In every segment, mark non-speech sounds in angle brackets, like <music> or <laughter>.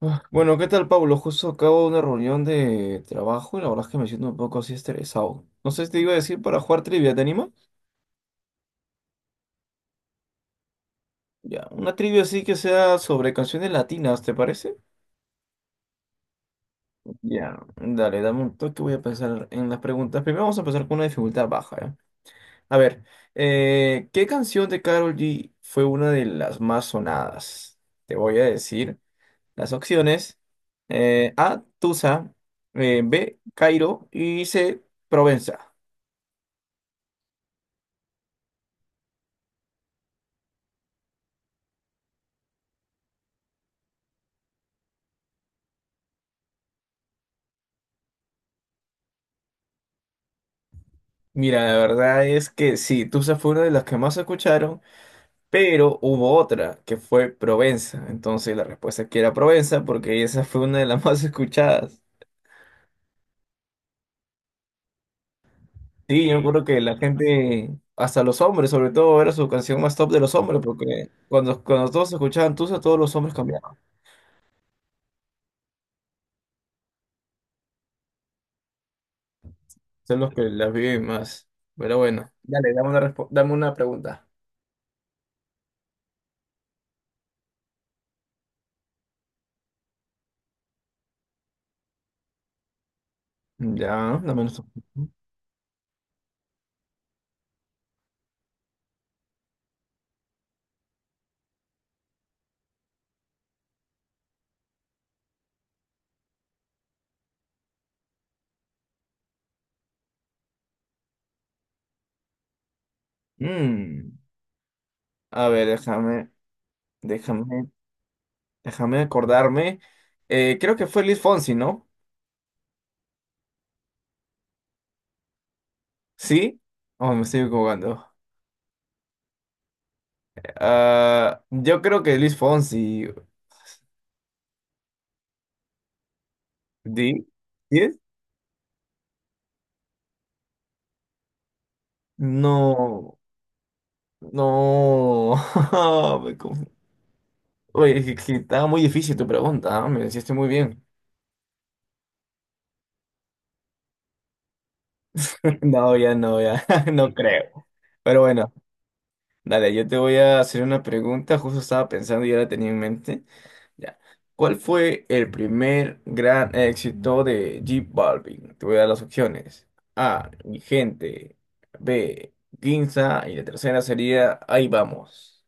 Bueno, ¿qué tal, Pablo? Justo acabo de una reunión de trabajo y la verdad es que me siento un poco así estresado. No sé si te iba a decir para jugar trivia, ¿te anima? Ya, una trivia así que sea sobre canciones latinas, ¿te parece? Ya, dale, dame un toque, voy a pensar en las preguntas. Primero vamos a empezar con una dificultad baja, ¿ya? A ver, ¿qué canción de Karol G fue una de las más sonadas? Te voy a decir las opciones. A, Tusa, B, Cairo y C, Provenza. Mira, la verdad es que sí, Tusa fue una de las que más escucharon, pero hubo otra que fue Provenza. Entonces la respuesta es que era Provenza porque esa fue una de las <laughs> más escuchadas. Sí, yo me, sí, acuerdo que la gente, hasta los hombres, sobre todo, era su canción más top de los hombres porque cuando todos escuchaban Tusa, todos los hombres cambiaban. Son los que las viven más. Pero bueno, dale, dame una pregunta. Ya, dame una. Mm, a ver, déjame. Déjame acordarme. Creo que fue Luis Fonsi, ¿no? ¿Sí? Oh, me estoy equivocando. Ah, yo creo que Luis Fonsi. ¿Di? ¿Sí es? No. No. <laughs> Me confu- Oye, es que, estaba muy difícil tu pregunta, ¿ah? Me la hiciste muy bien. <laughs> No, ya no, ya. <laughs> No creo. Pero bueno, dale, yo te voy a hacer una pregunta. Justo estaba pensando y ya la tenía en mente. Ya. ¿Cuál fue el primer gran éxito de J Balvin? Te voy a dar las opciones. A, mi gente. B, Ginza. Y la tercera sería Ahí vamos.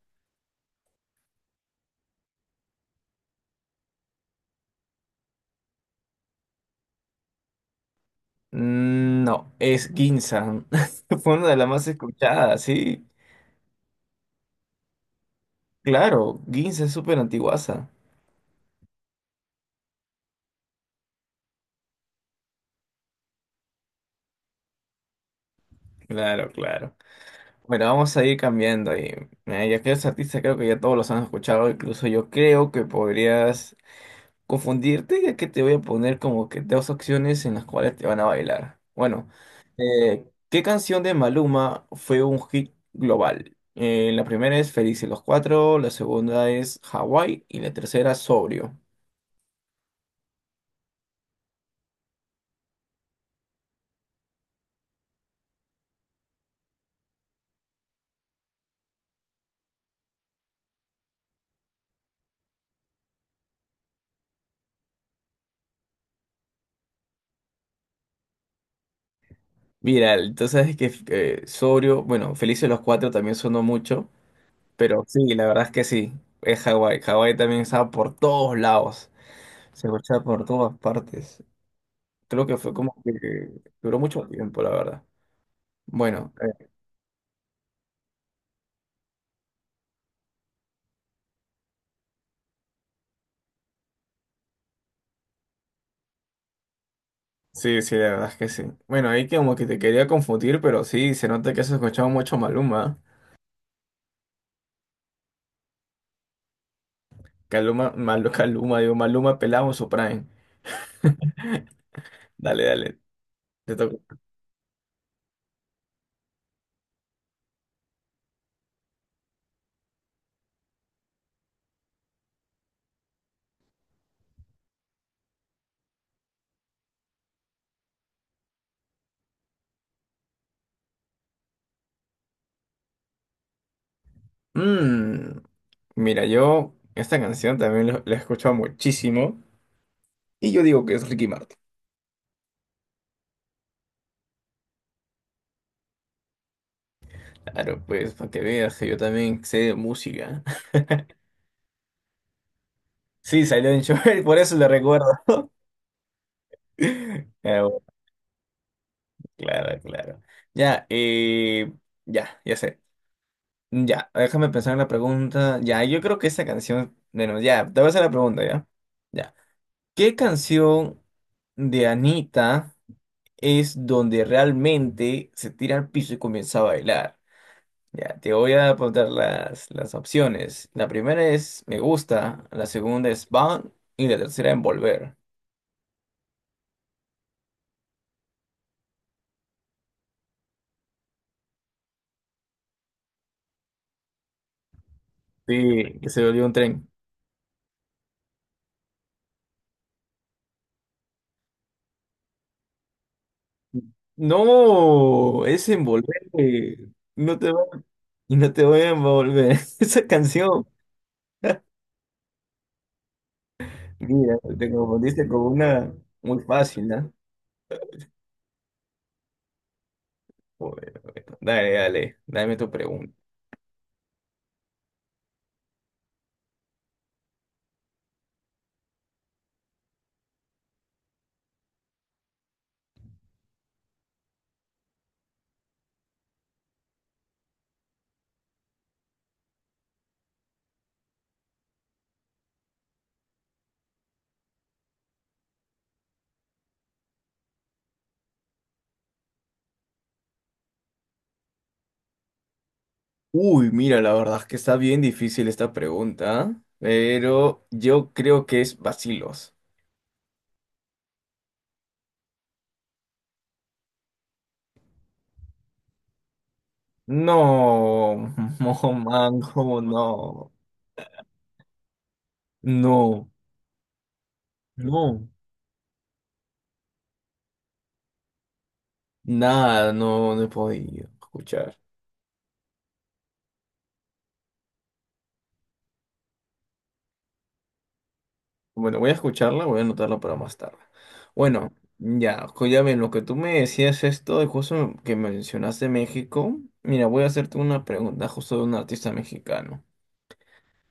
Mm, no, es Ginza. <laughs> Fue una de las más escuchadas, sí. Claro, Ginza es súper antiguaza. Claro, claro. Bueno, vamos a ir cambiando ahí. Mira, ya que eres artista, creo que ya todos los han escuchado. Incluso yo creo que podrías confundirte, ya que te voy a poner como que dos opciones en las cuales te van a bailar. Bueno, ¿qué canción de Maluma fue un hit global? La primera es Felices los Cuatro, la segunda es Hawái y la tercera Sobrio. Viral, entonces es que Sobrio, bueno, Felices los Cuatro también sonó mucho, pero sí, la verdad es que sí, es Hawái. Hawái también estaba por todos lados, se escuchaba por todas partes. Creo que fue como que duró mucho tiempo, la verdad. Bueno, sí, sí, la verdad es que sí. Bueno, ahí como que te quería confundir, pero sí, se nota que has escuchado mucho Maluma. Caluma, Malu, <laughs> Caluma, digo, Maluma pelado su prime. <laughs> Dale, dale, te toca. Mm, mira, yo esta canción también la he escuchado muchísimo y yo digo que es Ricky Martin. Claro, pues, para que veas que yo también sé de música. <laughs> Sí, salió en Joel, por eso le recuerdo. <laughs> Claro, claro. Ya, ya, ya sé. Ya, déjame pensar en la pregunta. Ya, yo creo que esa canción, bueno, ya, te voy a hacer la pregunta, ¿ya? Ya. ¿Qué canción de Anita es donde realmente se tira al piso y comienza a bailar? Ya, te voy a apuntar las opciones. La primera es Me Gusta, la segunda es Van y la tercera Envolver. Sí, que se volvió un tren. No, es envolver. No te va, no te voy a envolver. <laughs> Esa canción. Mira, te confundiste con una muy fácil, ¿no? Joder, dale, dale, dame tu pregunta. Uy, mira, la verdad es que está bien difícil esta pregunta, pero yo creo que es bacilos. No, <laughs> no, man, cómo no. No, no. Nada, no, no he podido escuchar. Bueno, voy a escucharla, voy a anotarla para más tarde. Bueno, ya, ya ven, lo que tú me decías esto, de justo que mencionaste México, mira, voy a hacerte una pregunta justo de un artista mexicano.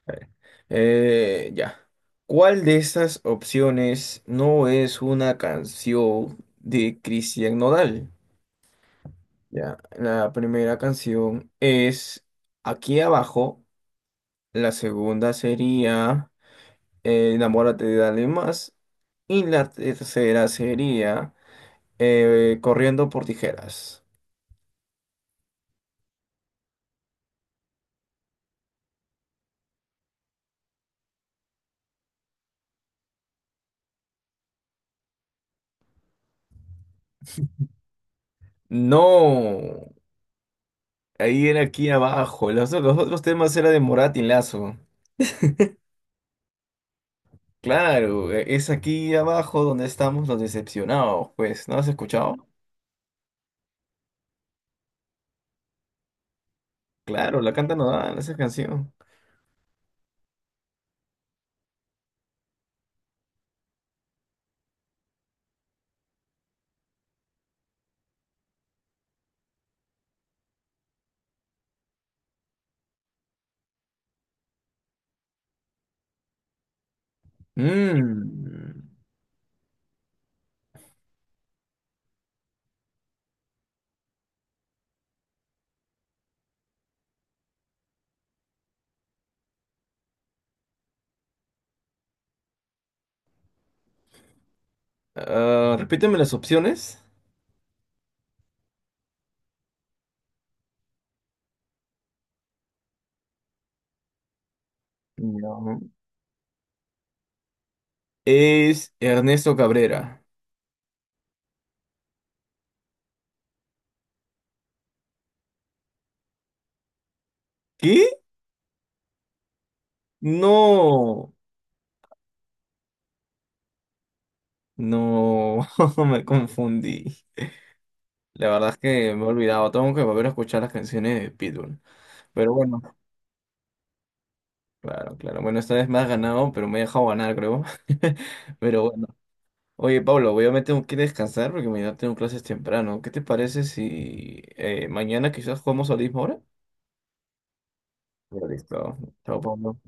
A ver, ya. ¿Cuál de estas opciones no es una canción de Cristian Nodal? Ya, la primera canción es Aquí abajo, la segunda sería Enamórate de alguien más. Y la tercera sería Corriendo por tijeras. No, ahí era aquí abajo. Los otros temas era de Morat y Lazo. Claro, es aquí abajo donde estamos los decepcionados, pues. ¿No has escuchado? Claro, la canta dan esa canción. Mm. Ah, repíteme las opciones. No. Es Ernesto Cabrera. ¿Qué? No. No, <laughs> me confundí. La verdad es que me he olvidado. Tengo que volver a escuchar las canciones de Pitbull. Pero bueno, claro, claro. Bueno, esta vez me has ganado, pero me he dejado ganar, creo. <laughs> Pero bueno. Oye, Pablo, voy a me tengo que descansar porque mañana tengo clases temprano. ¿Qué te parece si mañana quizás jugamos a la misma hora? Listo. Chao, Pablo.